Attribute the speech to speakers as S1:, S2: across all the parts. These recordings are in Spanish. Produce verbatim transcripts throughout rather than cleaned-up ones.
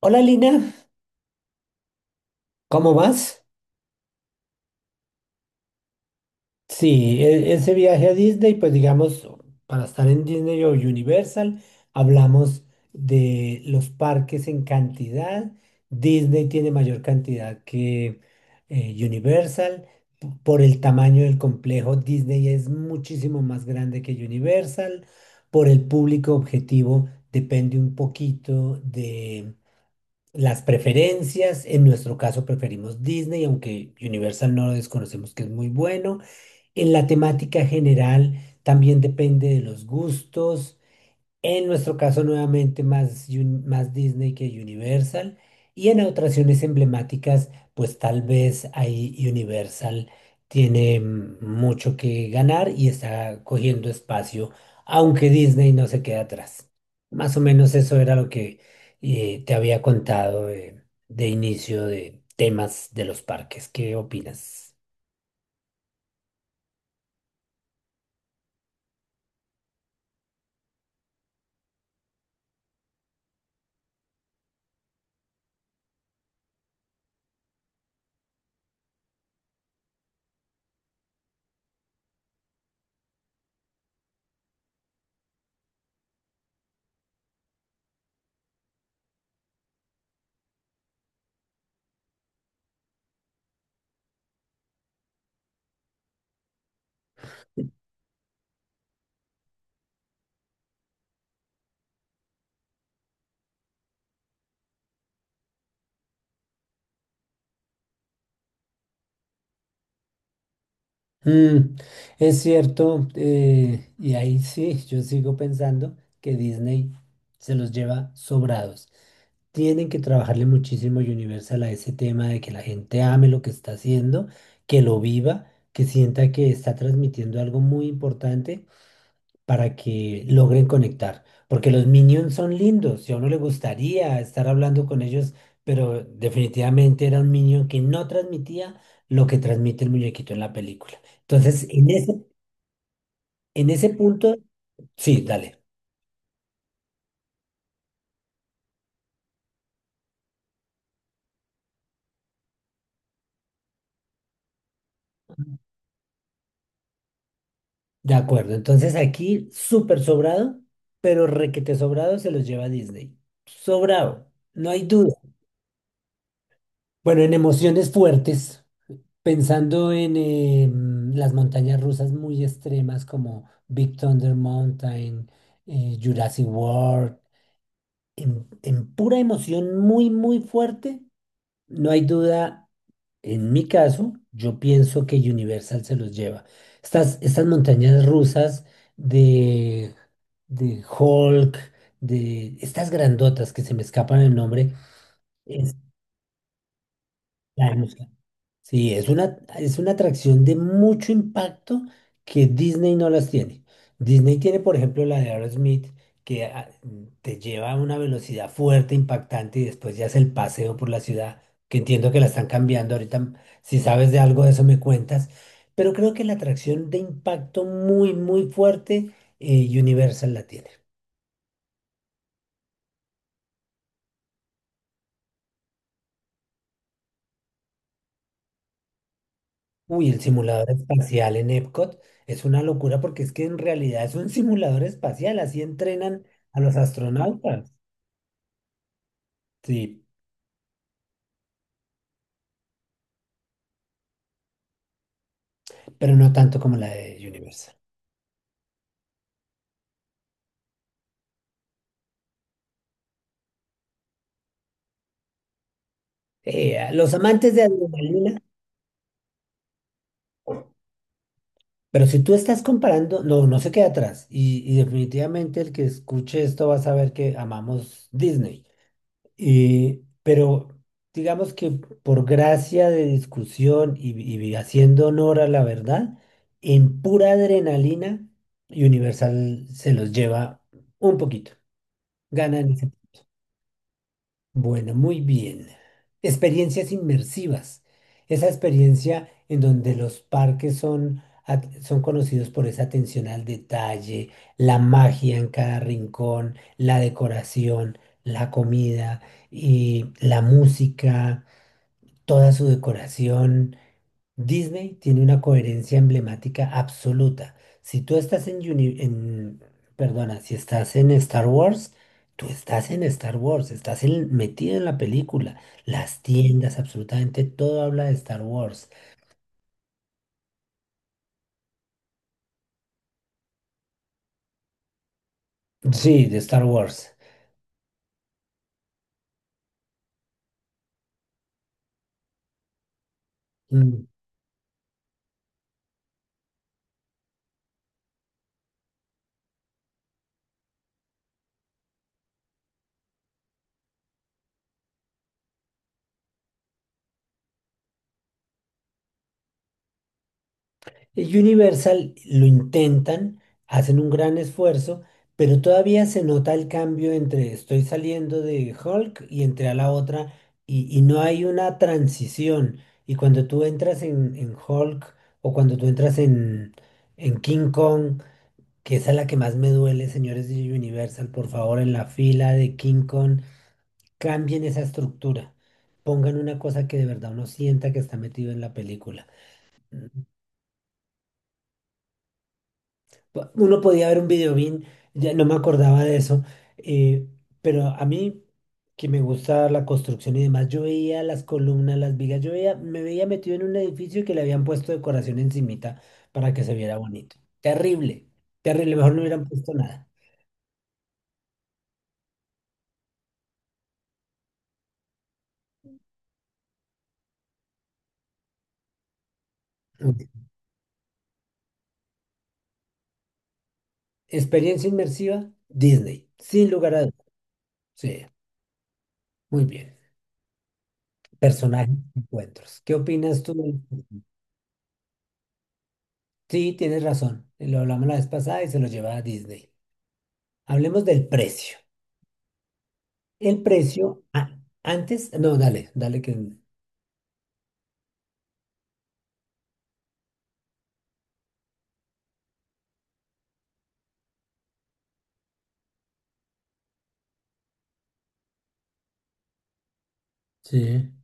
S1: Hola Lina, ¿cómo vas? Sí, e- ese viaje a Disney, pues digamos, para estar en Disney o Universal, hablamos de los parques en cantidad. Disney tiene mayor cantidad que eh, Universal. p- Por el tamaño del complejo, Disney es muchísimo más grande que Universal. Por el público objetivo, depende un poquito las preferencias. En nuestro caso preferimos Disney, aunque Universal no lo desconocemos que es muy bueno. En la temática general también depende de los gustos. En nuestro caso, nuevamente, más, Uni- más Disney que Universal. Y en atracciones emblemáticas, pues tal vez ahí Universal tiene mm, mucho que ganar y está cogiendo espacio, aunque Disney no se queda atrás. Más o menos eso era lo que eh, te había contado eh, de inicio de temas de los parques. ¿Qué opinas? Mm, es cierto, eh, y ahí sí, yo sigo pensando que Disney se los lleva sobrados. Tienen que trabajarle muchísimo Universal a ese tema de que la gente ame lo que está haciendo, que lo viva, que sienta que está transmitiendo algo muy importante para que logren conectar. Porque los Minions son lindos y a uno le gustaría estar hablando con ellos, pero definitivamente era un Minion que no transmitía lo que transmite el muñequito en la película. Entonces, en ese, en ese punto, sí, dale, de acuerdo. Entonces aquí, súper sobrado, pero requete sobrado se los lleva Disney. Sobrado, no hay duda. Bueno, en emociones fuertes. Pensando en eh, las montañas rusas muy extremas como Big Thunder Mountain, eh, Jurassic World, en, en pura emoción muy, muy fuerte, no hay duda, en mi caso, yo pienso que Universal se los lleva. Estas, estas montañas rusas de, de Hulk, de estas grandotas que se me escapan el nombre, es- sí, es una, es una atracción de mucho impacto que Disney no las tiene. Disney tiene, por ejemplo, la de Aerosmith, que ah, mm, te lleva a una velocidad fuerte, impactante, y después ya es el paseo por la ciudad, que entiendo que la están cambiando ahorita. Si sabes de algo de eso, me cuentas. Pero creo que la atracción de impacto muy, muy fuerte, eh, Universal la tiene. Uy, el simulador espacial en Epcot es una locura porque es que en realidad es un simulador espacial, así entrenan a los astronautas. Sí, pero no tanto como la de Universal. Eh, a los amantes de adrenalina, pero si tú estás comparando, no, no se queda atrás. Y, y definitivamente el que escuche esto va a saber que amamos Disney. Y, pero digamos que por gracia de discusión y, y haciendo honor a la verdad, en pura adrenalina, Universal se los lleva un poquito. Ganan bueno, muy bien. Experiencias inmersivas. Esa experiencia en donde los parques son, at- son conocidos por esa atención al detalle, la magia en cada rincón, la decoración, la comida y la música, toda su decoración. Disney tiene una coherencia emblemática absoluta. Si tú estás en, Uni- en- perdona, si estás en Star Wars, tú estás en Star Wars, estás en- metido en la película. Las tiendas, absolutamente todo habla de Star Wars. Sí, de Star Wars. Universal lo intentan, hacen un gran esfuerzo, pero todavía se nota el cambio entre estoy saliendo de Hulk y entré a la otra y, y no hay una transición. Y cuando tú entras en, en Hulk o cuando tú entras en, en King Kong, que esa es la que más me duele, señores de Universal, por favor, en la fila de King Kong, cambien esa estructura. Pongan una cosa que de verdad uno sienta que está metido en la película. po- Uno podía ver un video bien, ya no me acordaba de eso, eh, pero a mí que me gusta la construcción y demás, yo veía las columnas, las vigas, yo veía, me veía metido en un edificio que le habían puesto decoración encimita para que se viera bonito. Terrible, terrible, mejor no hubieran puesto nada. Ok. Experiencia inmersiva, Disney, sin lugar a dudas. Sí, muy bien. Personajes, encuentros. ¿Qué opinas tú? del- Sí, tienes razón. Lo hablamos la vez pasada y se lo lleva a Disney. Hablemos del precio. El precio, ah, antes, no, dale, dale que... Sí.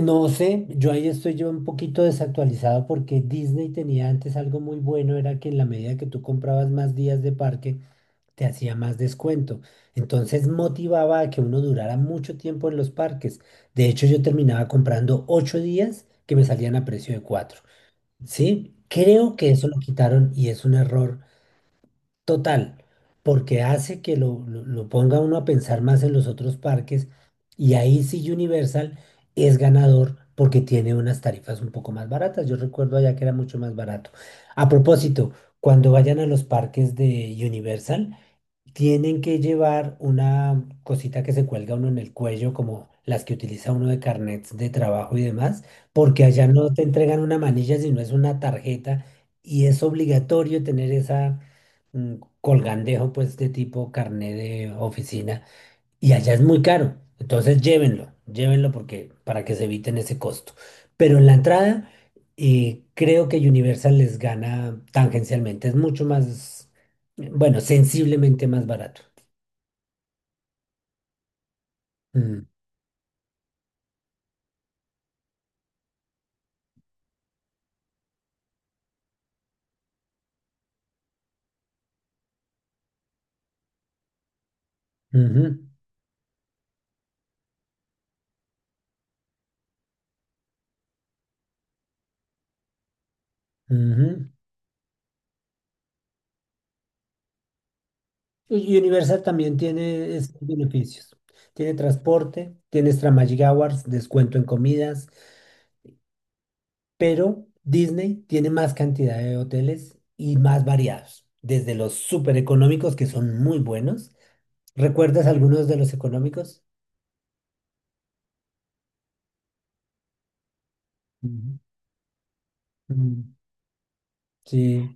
S1: No sé, yo ahí estoy yo un poquito desactualizado porque Disney tenía antes algo muy bueno, era que en la medida que tú comprabas más días de parque, te hacía más descuento. Entonces motivaba a que uno durara mucho tiempo en los parques. De hecho, yo terminaba comprando ocho días que me salían a precio de cuatro. Sí, creo que eso lo quitaron y es un error total, porque hace que lo, lo- lo ponga uno a pensar más en los otros parques y ahí sí Universal es ganador porque tiene unas tarifas un poco más baratas. Yo recuerdo allá que era mucho más barato. A propósito, cuando vayan a los parques de Universal, tienen que llevar una cosita que se cuelga uno en el cuello, como las que utiliza uno de carnets de trabajo y demás, porque allá no te entregan una manilla, sino es una tarjeta y es obligatorio tener esa mm, colgandejo, pues, de tipo carnet de oficina y allá es muy caro. Entonces llévenlo, llévenlo porque para que se eviten ese costo. Pero en la entrada eh, creo que Universal les gana tangencialmente. Es mucho más, eh, bueno, sensiblemente más barato. Mm, ujú, ujú. Y Universal también tiene esos beneficios. Tiene transporte, tiene extra Magic Hours, descuento en comidas, pero Disney tiene más cantidad de hoteles y más variados, desde los súper económicos que son muy buenos. ¿Recuerdas algunos de los económicos? Ujú. Mm, sí,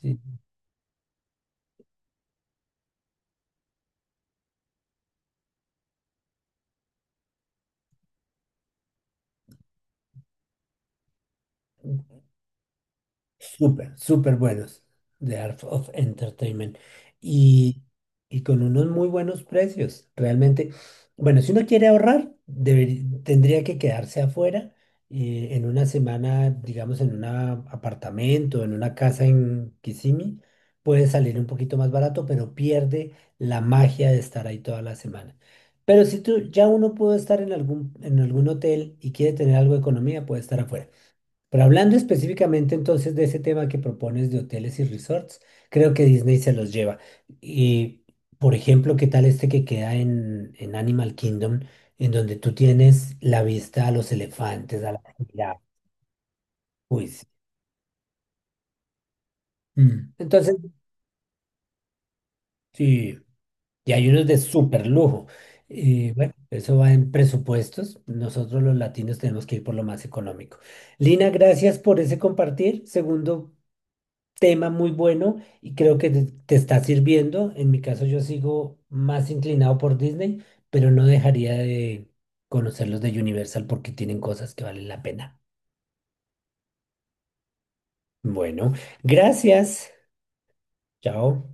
S1: sí. Súper, súper buenos de Art of Entertainment y, y con unos muy buenos precios. Realmente, bueno, si uno quiere ahorrar, deberi- tendría que quedarse afuera eh, en una semana, digamos, en un apartamento, en una casa en Kissimmee. Puede salir un poquito más barato, pero pierde la magia de estar ahí toda la semana. Pero si tú ya uno puede estar en algún, en algún hotel y quiere tener algo de economía, puede estar afuera. Pero hablando específicamente entonces de ese tema que propones de hoteles y resorts, creo que Disney se los lleva. Y, por ejemplo, ¿qué tal este que queda en, en Animal Kingdom, en donde tú tienes la vista a los elefantes, a la jirafas? Uy, sí. Mm. Entonces, sí, y hay unos de súper lujo. Y bueno, eso va en presupuestos. Nosotros los latinos tenemos que ir por lo más económico. Lina, gracias por ese compartir. Segundo tema muy bueno y creo que te, te está sirviendo. En mi caso yo sigo más inclinado por Disney, pero no dejaría de conocer los de Universal porque tienen cosas que valen la pena. Bueno, gracias. Chao.